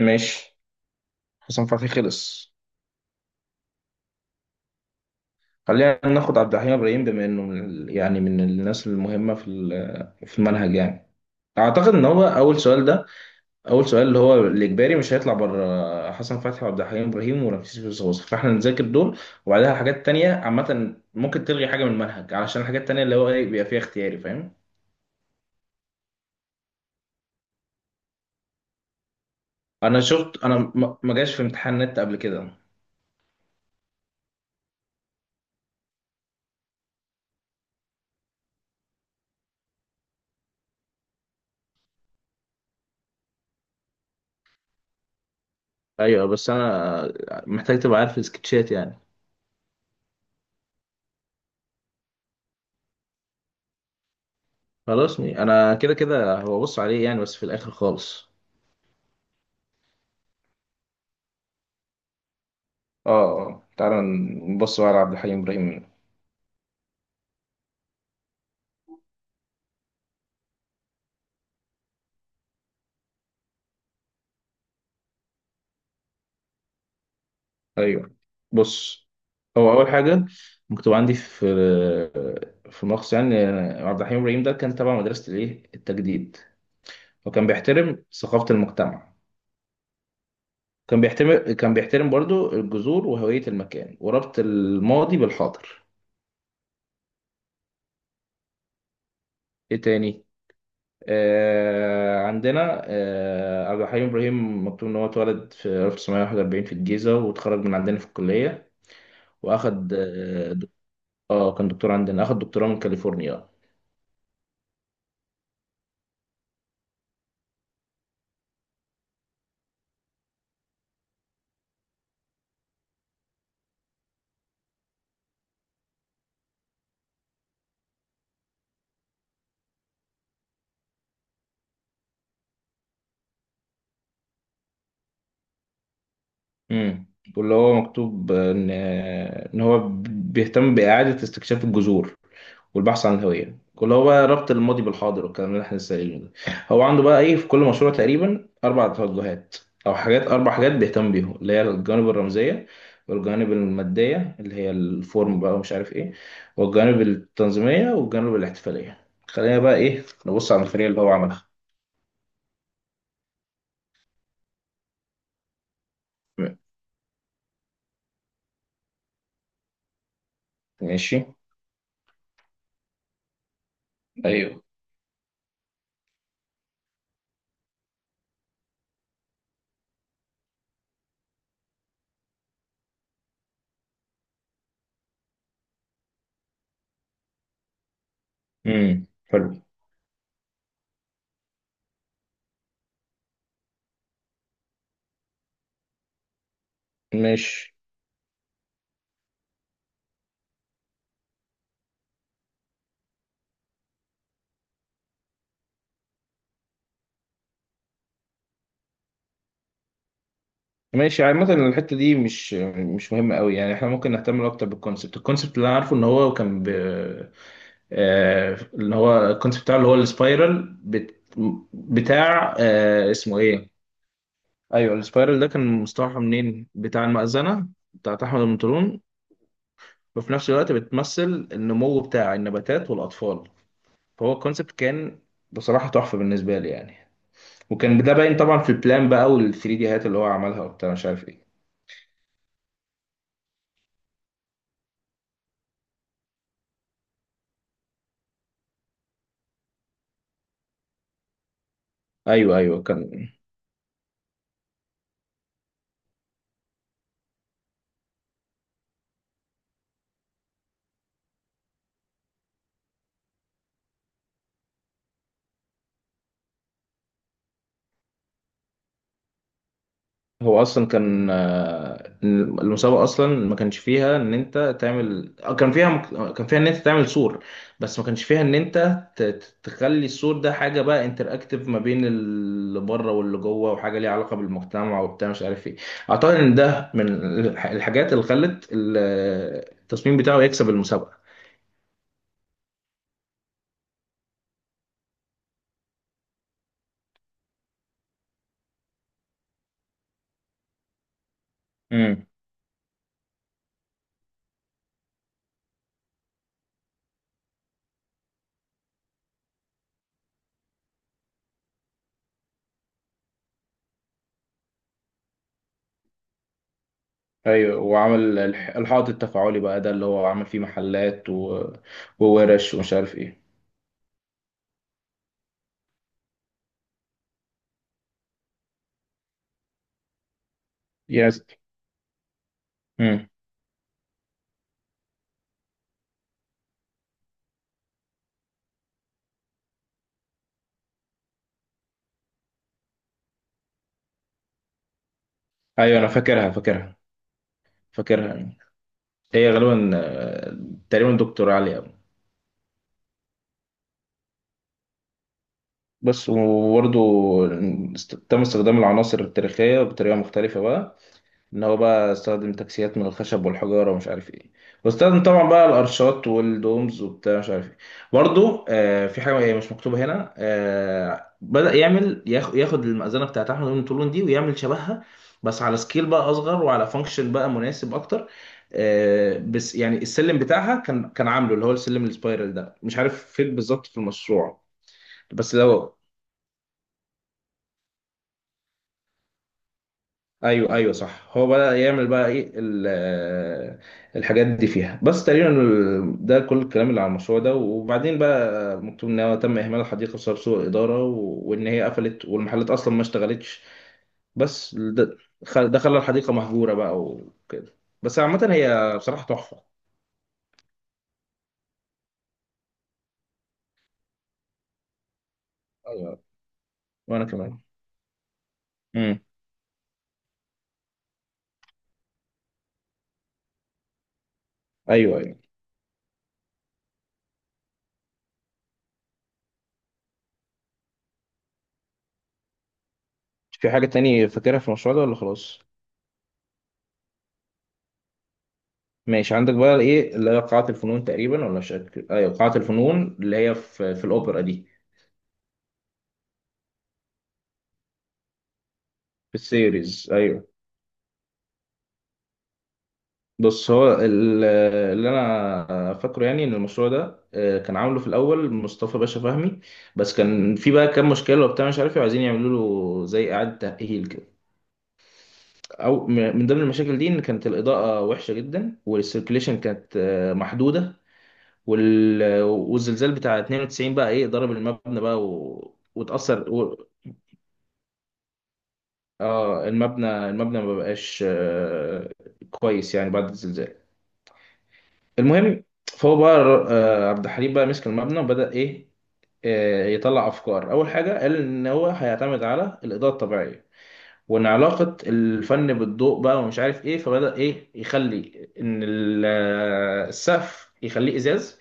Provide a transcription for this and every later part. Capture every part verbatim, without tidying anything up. ماشي. حسن فتحي خلص. خلينا ناخد عبد الحليم ابراهيم بما انه من ال- يعني من الناس المهمه في ال- في المنهج يعني. اعتقد ان هو اول سؤال ده. اول سؤال اللي هو الاجباري مش هيطلع بره حسن فتحي وعبد الحليم ابراهيم ورمسيس بوزوز، فاحنا نذاكر دول. وبعدها حاجات تانية عامه ممكن تلغي حاجه من المنهج، علشان الحاجات التانية اللي هو ايه بيبقى فيها اختياري، فاهم. انا شفت انا ما ما جاش في امتحان نت قبل كده. ايوه، بس انا محتاج تبقى عارف السكتشات يعني. خلاص. مي. انا كده كده هو بص عليه يعني بس في الاخر خالص. اه. آه. تعالى نبص بقى على عبد الحليم ابراهيم. ايوه، بص. هو اول حاجه مكتوب عندي في في ملخص يعني، عبد الحليم ابراهيم ده كان تبع مدرسه الايه التجديد، وكان بيحترم ثقافه المجتمع. كان بيحترم كان بيحترم برضو الجذور وهويه المكان، وربط الماضي بالحاضر. ايه تاني؟ آه، عندنا آه، عبد الحليم إبراهيم مكتوب إن هو اتولد في ألف وتسعمية واحد وأربعين في الجيزة، واتخرج من عندنا في الكلية. وأخد آه دك- آه، كان دكتور عندنا، أخد دكتوراه من كاليفورنيا. امم واللي هو مكتوب إن آه، إن هو بيهتم بإعادة استكشاف الجذور والبحث عن الهوية، كل هو بقى ربط الماضي بالحاضر، والكلام اللي احنا لسه قايلينه ده. هو عنده بقى ايه في كل مشروع تقريبا اربع توجهات، او حاجات، اربع حاجات بيهتم بيهم، اللي هي الجوانب الرمزية والجوانب المادية اللي هي الفورم بقى ومش عارف ايه، والجوانب التنظيمية والجوانب الاحتفالية. خلينا بقى ايه نبص على الفريق اللي هو عملها. م- ماشي. ايوه. امم، حلو. ماشي. ماشي، عامة الحتة دي مش مش مهمة قوي يعني. احنا ممكن نهتم اكتر بالكونسبت. الكونسبت اللي انا عارفه ان هو كان آه، اللي هو الكونسيبت بتاعه اللي هو السبايرال بت... بتاع آه، اسمه ايه، ايوه، السبايرال ده كان مستوحى منين، بتاع المأذنة بتاعت احمد المنطلون. وفي نفس الوقت بتمثل النمو بتاع النباتات والأطفال. فهو الكونسيبت كان بصراحة تحفة بالنسبة لي يعني. وكان ده باين طبعا في البلان بقى، وال ثلاثة دي هات اللي هو عملها وبتاع مش عارف ايه. ايوه ايوه كان. هو اصلا كان آه، المسابقه اصلا ما كانش فيها ان انت تعمل آه، كان فيها مك... كان فيها ان انت تعمل سور، بس ما كانش فيها ان انت ت... ت- تخلي السور ده حاجه بقى انتراكتيف ما بين اللي بره واللي جوه، وحاجه ليها علاقه بالمجتمع وبتاع مش عارف ايه. اعتقد ان ده من الح- الحاجات اللي خلت ال- التصميم بتاعه يكسب المسابقه. امم. ايوه، وعمل الح- الحائط التفاعلي بقى ده، اللي هو عمل فيه محلات و... وورش ومش عارف ايه. يس. ايوه، انا فاكرها فاكرها. فاكرها هي غالبا آه، تقريبا دكتور عليا. بس. وبرضه است- تم استخدام العناصر التاريخية بطريقة مختلفة بقى، ان هو بقى استخدم تكسيات من الخشب والحجاره ومش عارف ايه. واستخدم طبعا بقى الارشات والدومز وبتاع مش عارف ايه. برضو آه، في حاجه هي مش مكتوبه هنا، آه، بدأ يعمل ياخ- ياخد المأذنه بتاعت احمد بن طولون دي ويعمل شبهها، بس على سكيل بقى اصغر وعلى فانكشن بقى مناسب اكتر. آه، بس يعني السلم بتاعها كان كان عامله اللي هو السلم السبايرال ده، مش عارف فين بالظبط في المشروع. بس لو. ايوه ايوه صح. هو بدأ يعمل بقى ايه ال- آه، الحاجات دي فيها. بس تقريبا ال- ده كل الكلام اللي على المشروع ده. وبعدين بقى مكتوب ان هو تم اهمال الحديقه بسبب سوء اداره، و- وان هي قفلت والمحلات اصلا ما اشتغلتش. بس ده. خل- ده خلى الحديقه مهجوره بقى وكده. بس عامه هي بصراحه تحفه. ايوه. وانا كمان. امم. ايوه ايوه. في حاجه تاني فاكرها في المشروع ده ولا خلاص؟ ماشي. عندك بقى ايه، اللي هي قاعه الفنون تقريبا، ولا مش فاكر. ايوه، قاعه الفنون اللي هي في في الاوبرا دي. في السيريز ايوه. بص، هو ال- اللي انا فاكره يعني ان المشروع ده آه، كان عامله في الاول مصطفى باشا فهمي. بس كان في بقى كام مشكله وبتاع مش عارف إيه، وعايزين يعملوا له زي اعاده تاهيل كده. او م- من ضمن المشاكل دي ان كانت الاضاءه وحشه جدا، والسيركليشن كانت آه، محدوده. وال- والزلزال بتاع اتنين وتسعين بقى ايه ضرب المبنى بقى و... وتاثر. و... اه، المبنى. المبنى ما بقاش آه، كويس يعني بعد الزلزال. المهم، فهو بقى آه، عبد الحليم بقى مسك المبنى، وبدأ ايه آه، يطلع افكار. اول حاجه قال ان هو هيعتمد على الاضاءه الطبيعيه، وان علاقه الفن بالضوء بقى ومش عارف ايه. فبدأ ايه يخلي ان ال- آه، السقف يخليه ازاز،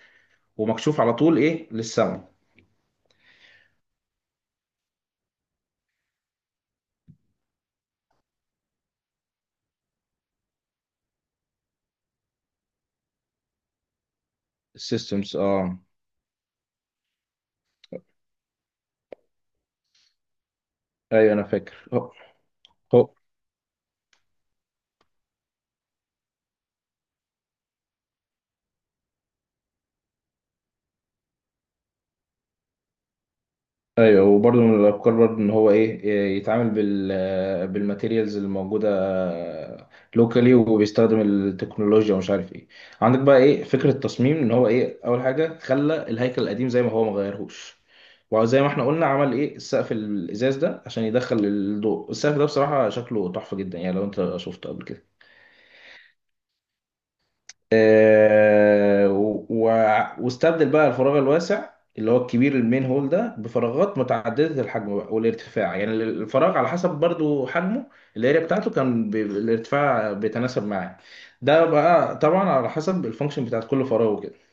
ومكشوف على طول ايه للسما. السيستمز، اه. ايوه انا فاكر. هو. ايوه. وبرضه من الافكار برضه ان هو ايه إيه، يتعامل بال بالماتيريالز الموجوده لوكالي، وبيستخدم التكنولوجيا ومش عارف ايه. عندك بقى ايه فكره تصميم ان هو ايه. اول حاجه خلى الهيكل القديم زي ما هو، ما غيرهوش. وزي ما احنا قلنا عمل ايه السقف الازاز ده عشان يدخل الضوء. السقف ده بصراحه شكله تحفه جدا يعني لو انت شفته قبل كده. آه، و- و- واستبدل بقى الفراغ الواسع اللي هو الكبير المين هول ده بفراغات متعددة الحجم بقى والارتفاع، يعني الفراغ على حسب برضو حجمه. الاريا بتاعته كان ب- الارتفاع بيتناسب معاه. ده بقى طبعا على حسب الفانكشن بتاعت كل فراغ وكده.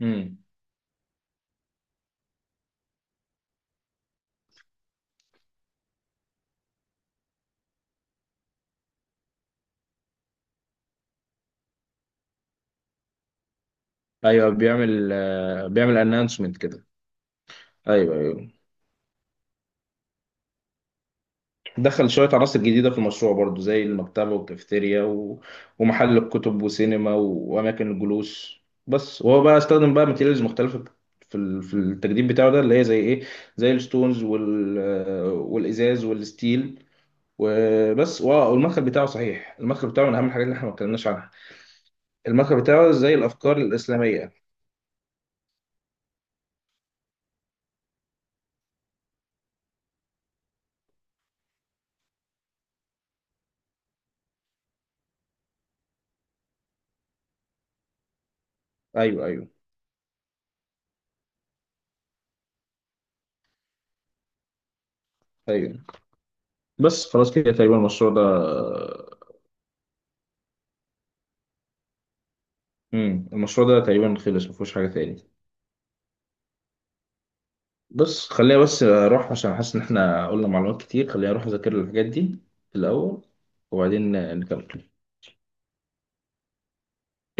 امم. ايوه، بيعمل آه، بيعمل انانسمنت كده. ايوه ايوه. دخل شوية عناصر جديدة في المشروع برضو زي المكتبة والكافيتيريا و... ومحل الكتب وسينما و... وأماكن الجلوس. بس. وهو بقى استخدم بقى ماتيريالز مختلفة في ال... في التجديد بتاعه ده، اللي هي زي إيه، زي الستونز وال... والإزاز والستيل وبس. وآه، والمدخل بتاعه، صحيح، المدخل بتاعه من أهم الحاجات اللي إحنا ما اتكلمناش عنها. المدخل بتاعه زي الأفكار الإسلامية. أيوه أيوه. أيوه. بس خلاص كده تقريبا المشروع ده. مم. المشروع ده تقريبا خلص، مفيهوش حاجة تاني. بص، خلينا بس اروح، عشان حاسس ان احنا قلنا معلومات كتير. خلينا اروح اذاكر الحاجات دي في الاول، وبعدين نكمل.